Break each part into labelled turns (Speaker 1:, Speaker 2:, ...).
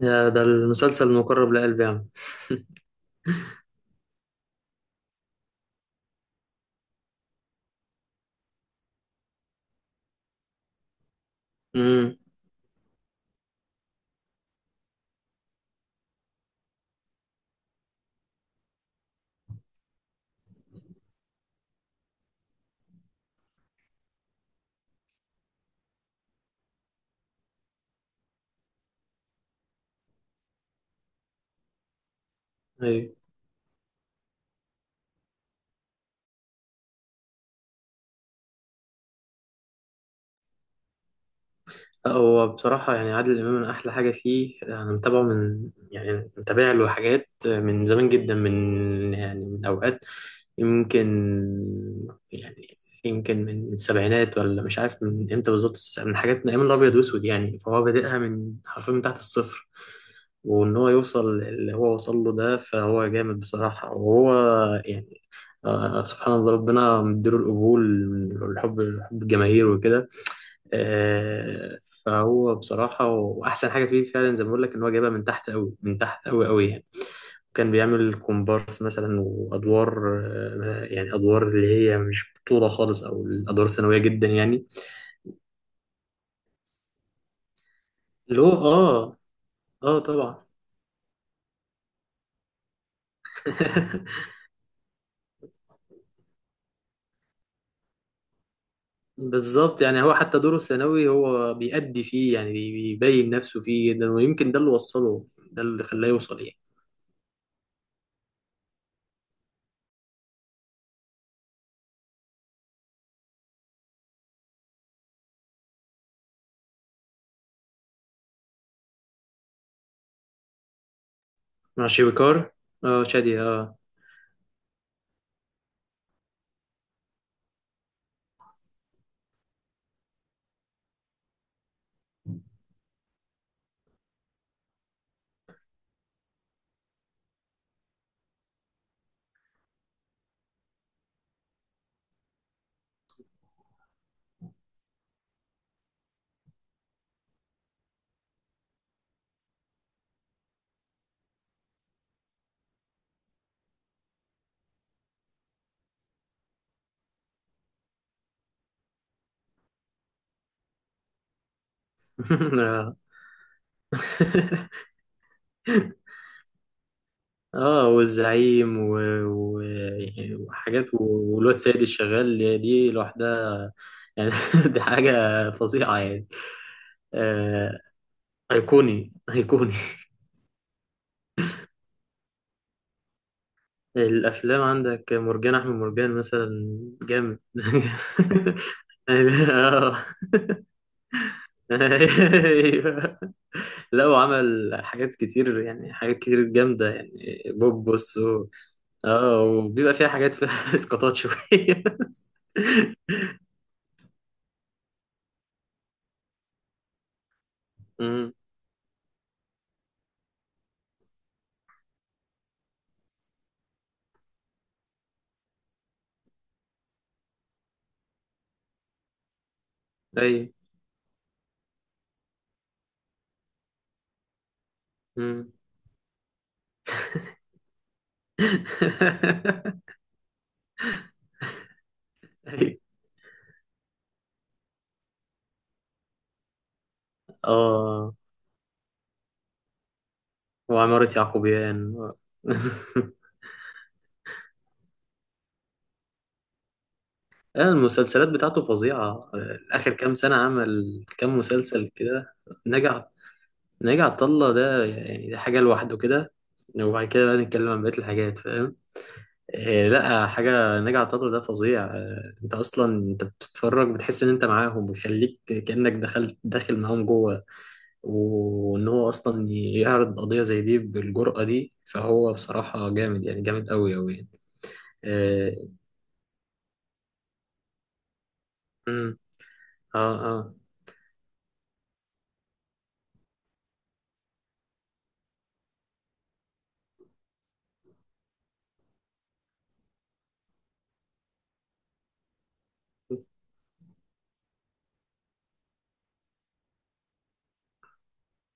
Speaker 1: يا ده المسلسل المقرب لقلبي يعني. امم. ايوه. لا، هو بصراحة يعني عادل إمام من أحلى حاجة فيه، أنا متابعه من يعني متابع له حاجات من زمان جدا، من أوقات يمكن يعني يمكن من السبعينات، ولا مش عارف من إمتى بالظبط، بس من حاجات من أيام الأبيض وأسود يعني. فهو بادئها حرفيا من تحت الصفر، وان هو يوصل اللي هو وصل له ده، فهو جامد بصراحة. وهو يعني سبحان الله ربنا مديله القبول والحب، حب الجماهير وكده. آه فهو بصراحة، وأحسن حاجة فيه فعلا زي ما بقول لك، إن هو جايبها من تحت أوي، من تحت أوي أوي يعني. كان بيعمل كومبارس مثلا وأدوار، آه يعني أدوار اللي هي مش بطولة خالص، أو الأدوار ثانوية جدا يعني. اللي هو. آه، طبعا. بالظبط. يعني هو حتى دوره الثانوي هو بيأدي فيه يعني، بيبين نفسه فيه جدا، ويمكن ده اللي وصله، ده اللي خلاه يوصل يعني. مع شويكار. اه شادي اه. اه. آه، والزعيم و... وحاجات والواد سيد الشغال، دي لوحدها يعني. دي حاجة فظيعة يعني. آه... أيقوني أيقوني. الافلام عندك مرجان احمد مرجان مثلا، جامد. يعني- آه. أيوة. لا، وعمل حاجات كتير يعني، حاجات كتير جامده يعني، بوبوس اه. وبيبقى فيها حاجات فيها اسقاطات شويه. امم. ايوه. امم. ايوه. اه. وعمارة يعقوبيان. آه، المسلسلات بتاعته فظيعة، آه، آخر كام سنة عمل كام مسلسل كده. نجح. ناجي عطا الله ده يعني ده حاجة لوحده كده، وبعد كده بقى نتكلم عن بقية الحاجات، فاهم؟ إيه، لا، حاجة ناجي عطا الله ده فظيع، آه، انت اصلا انت بتتفرج بتحس ان انت معاهم، ويخليك كأنك دخلت داخل معاهم جوه. وان هو اصلا يعرض قضية زي دي بالجرأة دي، فهو بصراحة جامد يعني، جامد قوي قوي يعني. اه. أمم. اه. آه.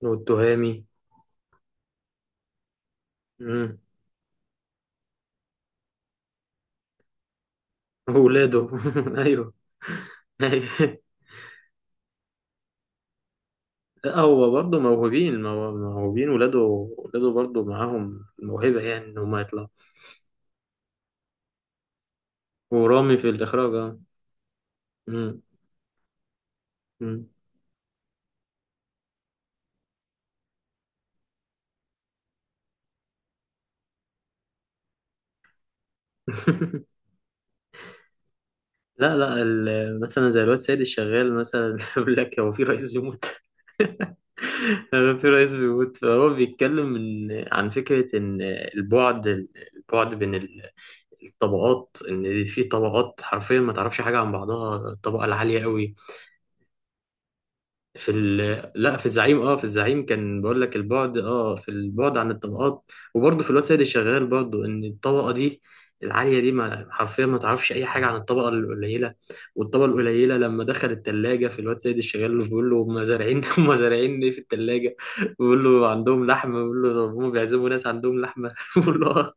Speaker 1: والتهامي. أمم. وولاده. ايوه. لا، هو برضه موهوبين، موهوبين ولاده، ولاده برضه معاهم موهبة يعني، إن هما يطلعوا. ورامي في الإخراج أه. مم. مم. لا لا، مثلا زي الواد سيد الشغال مثلا. يقول لك هو في رئيس بيموت. هو في رئيس بيموت، فهو بيتكلم عن فكرة إن البعد، البعد بين ال- الطبقات، إن في طبقات حرفيا ما تعرفش حاجة عن بعضها، الطبقة العالية قوي. لا، في الزعيم كان بقول لك البعد، اه في البعد عن الطبقات. وبرضه في الواد سيد الشغال برضه، ان الطبقه دي العاليه دي ما حرفيا، ما تعرفش اي حاجه عن الطبقه القليله. والطبقه القليله لما دخل التلاجة في الواد سيد الشغال، بيقول له هم زارعين هم زارعين ايه في التلاجة. بيقول له عندهم لحمه. بيقول له طب هم بيعزموا ناس عندهم لحمه بيقول له اه.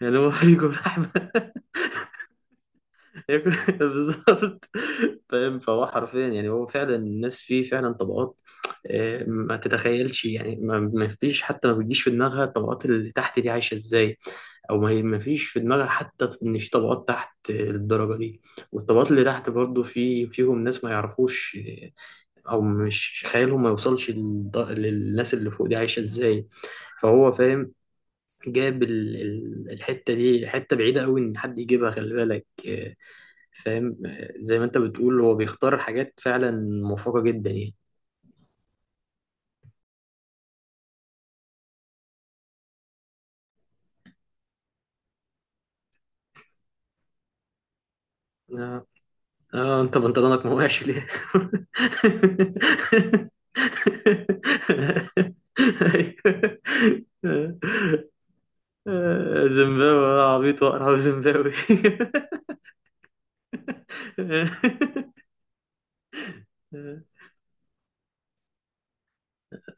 Speaker 1: يعني هم بيجوا لحمه ياكل. بالظبط. فاهم؟ فهو حرفيا يعني، هو فعلا الناس فيه فعلا طبقات. آه، ما تتخيلش يعني، ما فيش حتى، ما بتجيش في دماغها الطبقات اللي تحت دي عايشة ازاي. او ما هي ما فيش في دماغها حتى ان في طبقات تحت الدرجة دي. والطبقات اللي تحت برضو في فيهم ناس ما يعرفوش، آه، او مش خيالهم ما يوصلش للناس اللي فوق دي عايشة ازاي. فهو فاهم، جاب الحتة دي، حتة بعيدة قوي ان حد يجيبها، خلي بالك. آه، فاهم؟ زي ما انت بتقول، هو بيختار حاجات فعلا موفقة جدا يعني. اه. آه انت بنطلونك مواشي ليه؟ آه، زيمباوي، آه، عبيط واقرع وزيمباوي.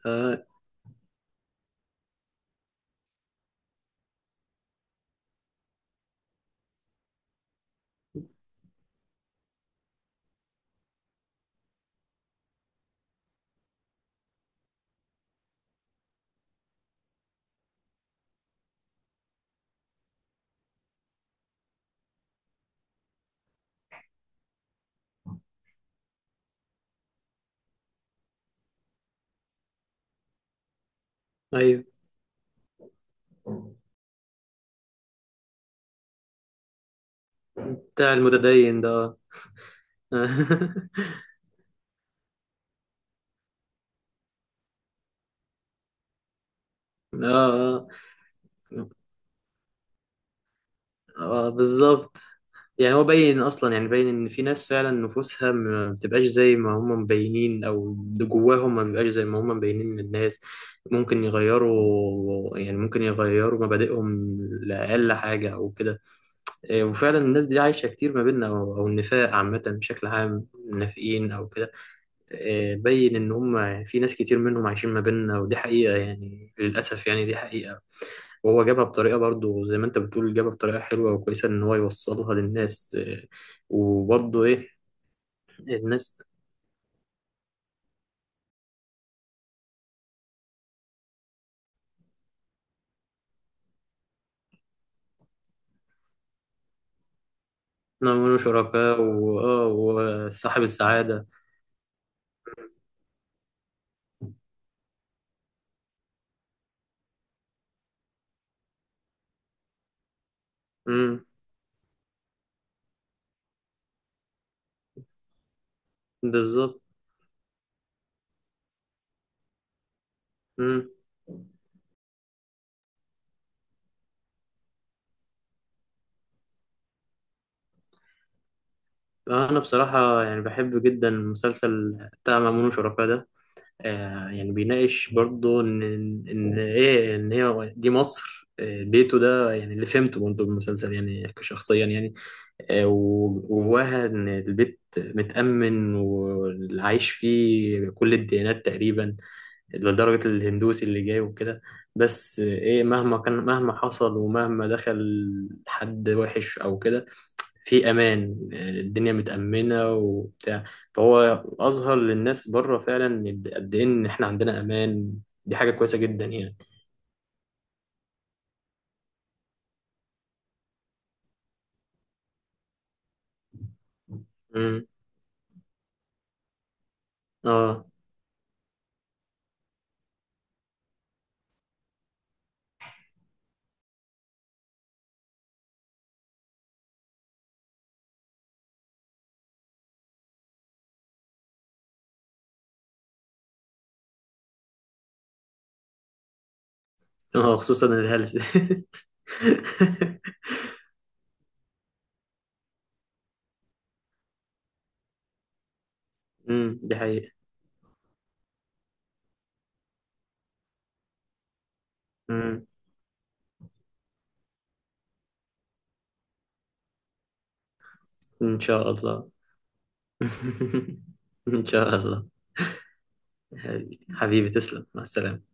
Speaker 1: آه، ايوه. بتاع المتدين ده، اه. اه اه، آه، بالظبط. يعني هو باين اصلا، يعني باين ان في ناس فعلا نفوسها ما بتبقاش زي ما هم مبينين، او اللي جواهم ما بيبقاش زي ما هم مبينين للناس. ممكن يغيروا مبادئهم لاقل حاجه او كده. إيه، وفعلا الناس دي عايشه كتير ما بيننا، او النفاق عامه بشكل عام، نافقين او كده. آه، بين ان هم في ناس كتير منهم عايشين ما بيننا، ودي حقيقة يعني، للأسف يعني، دي حقيقة. وهو جابها بطريقة برضو، زي ما انت بتقول، جابها بطريقة حلوة وكويسة ان هو يوصلها للناس. آه، وبرضو ايه الناس، نعملوا شركاء، واه، وصاحب السعادة. امم. بالظبط. امم. انا بصراحة يعني بحب جدا مسلسل بتاع مأمون وشركاه ده. آه، يعني بيناقش برضه ان هي دي مصر، آه، بيته ده يعني، اللي فهمته برضه بالمسلسل يعني شخصيا يعني. آه، وجواها ان البيت متأمن، واللي عايش فيه كل الديانات تقريبا، لدرجة الهندوسي اللي جاي وكده. بس آه، ايه، مهما كان، مهما حصل، ومهما دخل حد وحش او كده، في امان، الدنيا متامنه وبتاع. فهو اظهر للناس بره فعلا، إن قد ايه ان احنا عندنا امان. دي حاجه كويسه جدا يعني. امم. اه، اه، خصوصا الهلس. امم. دي حقيقه. امم. ان شاء الله. ان شاء الله. حبيبي تسلم، مع السلامه.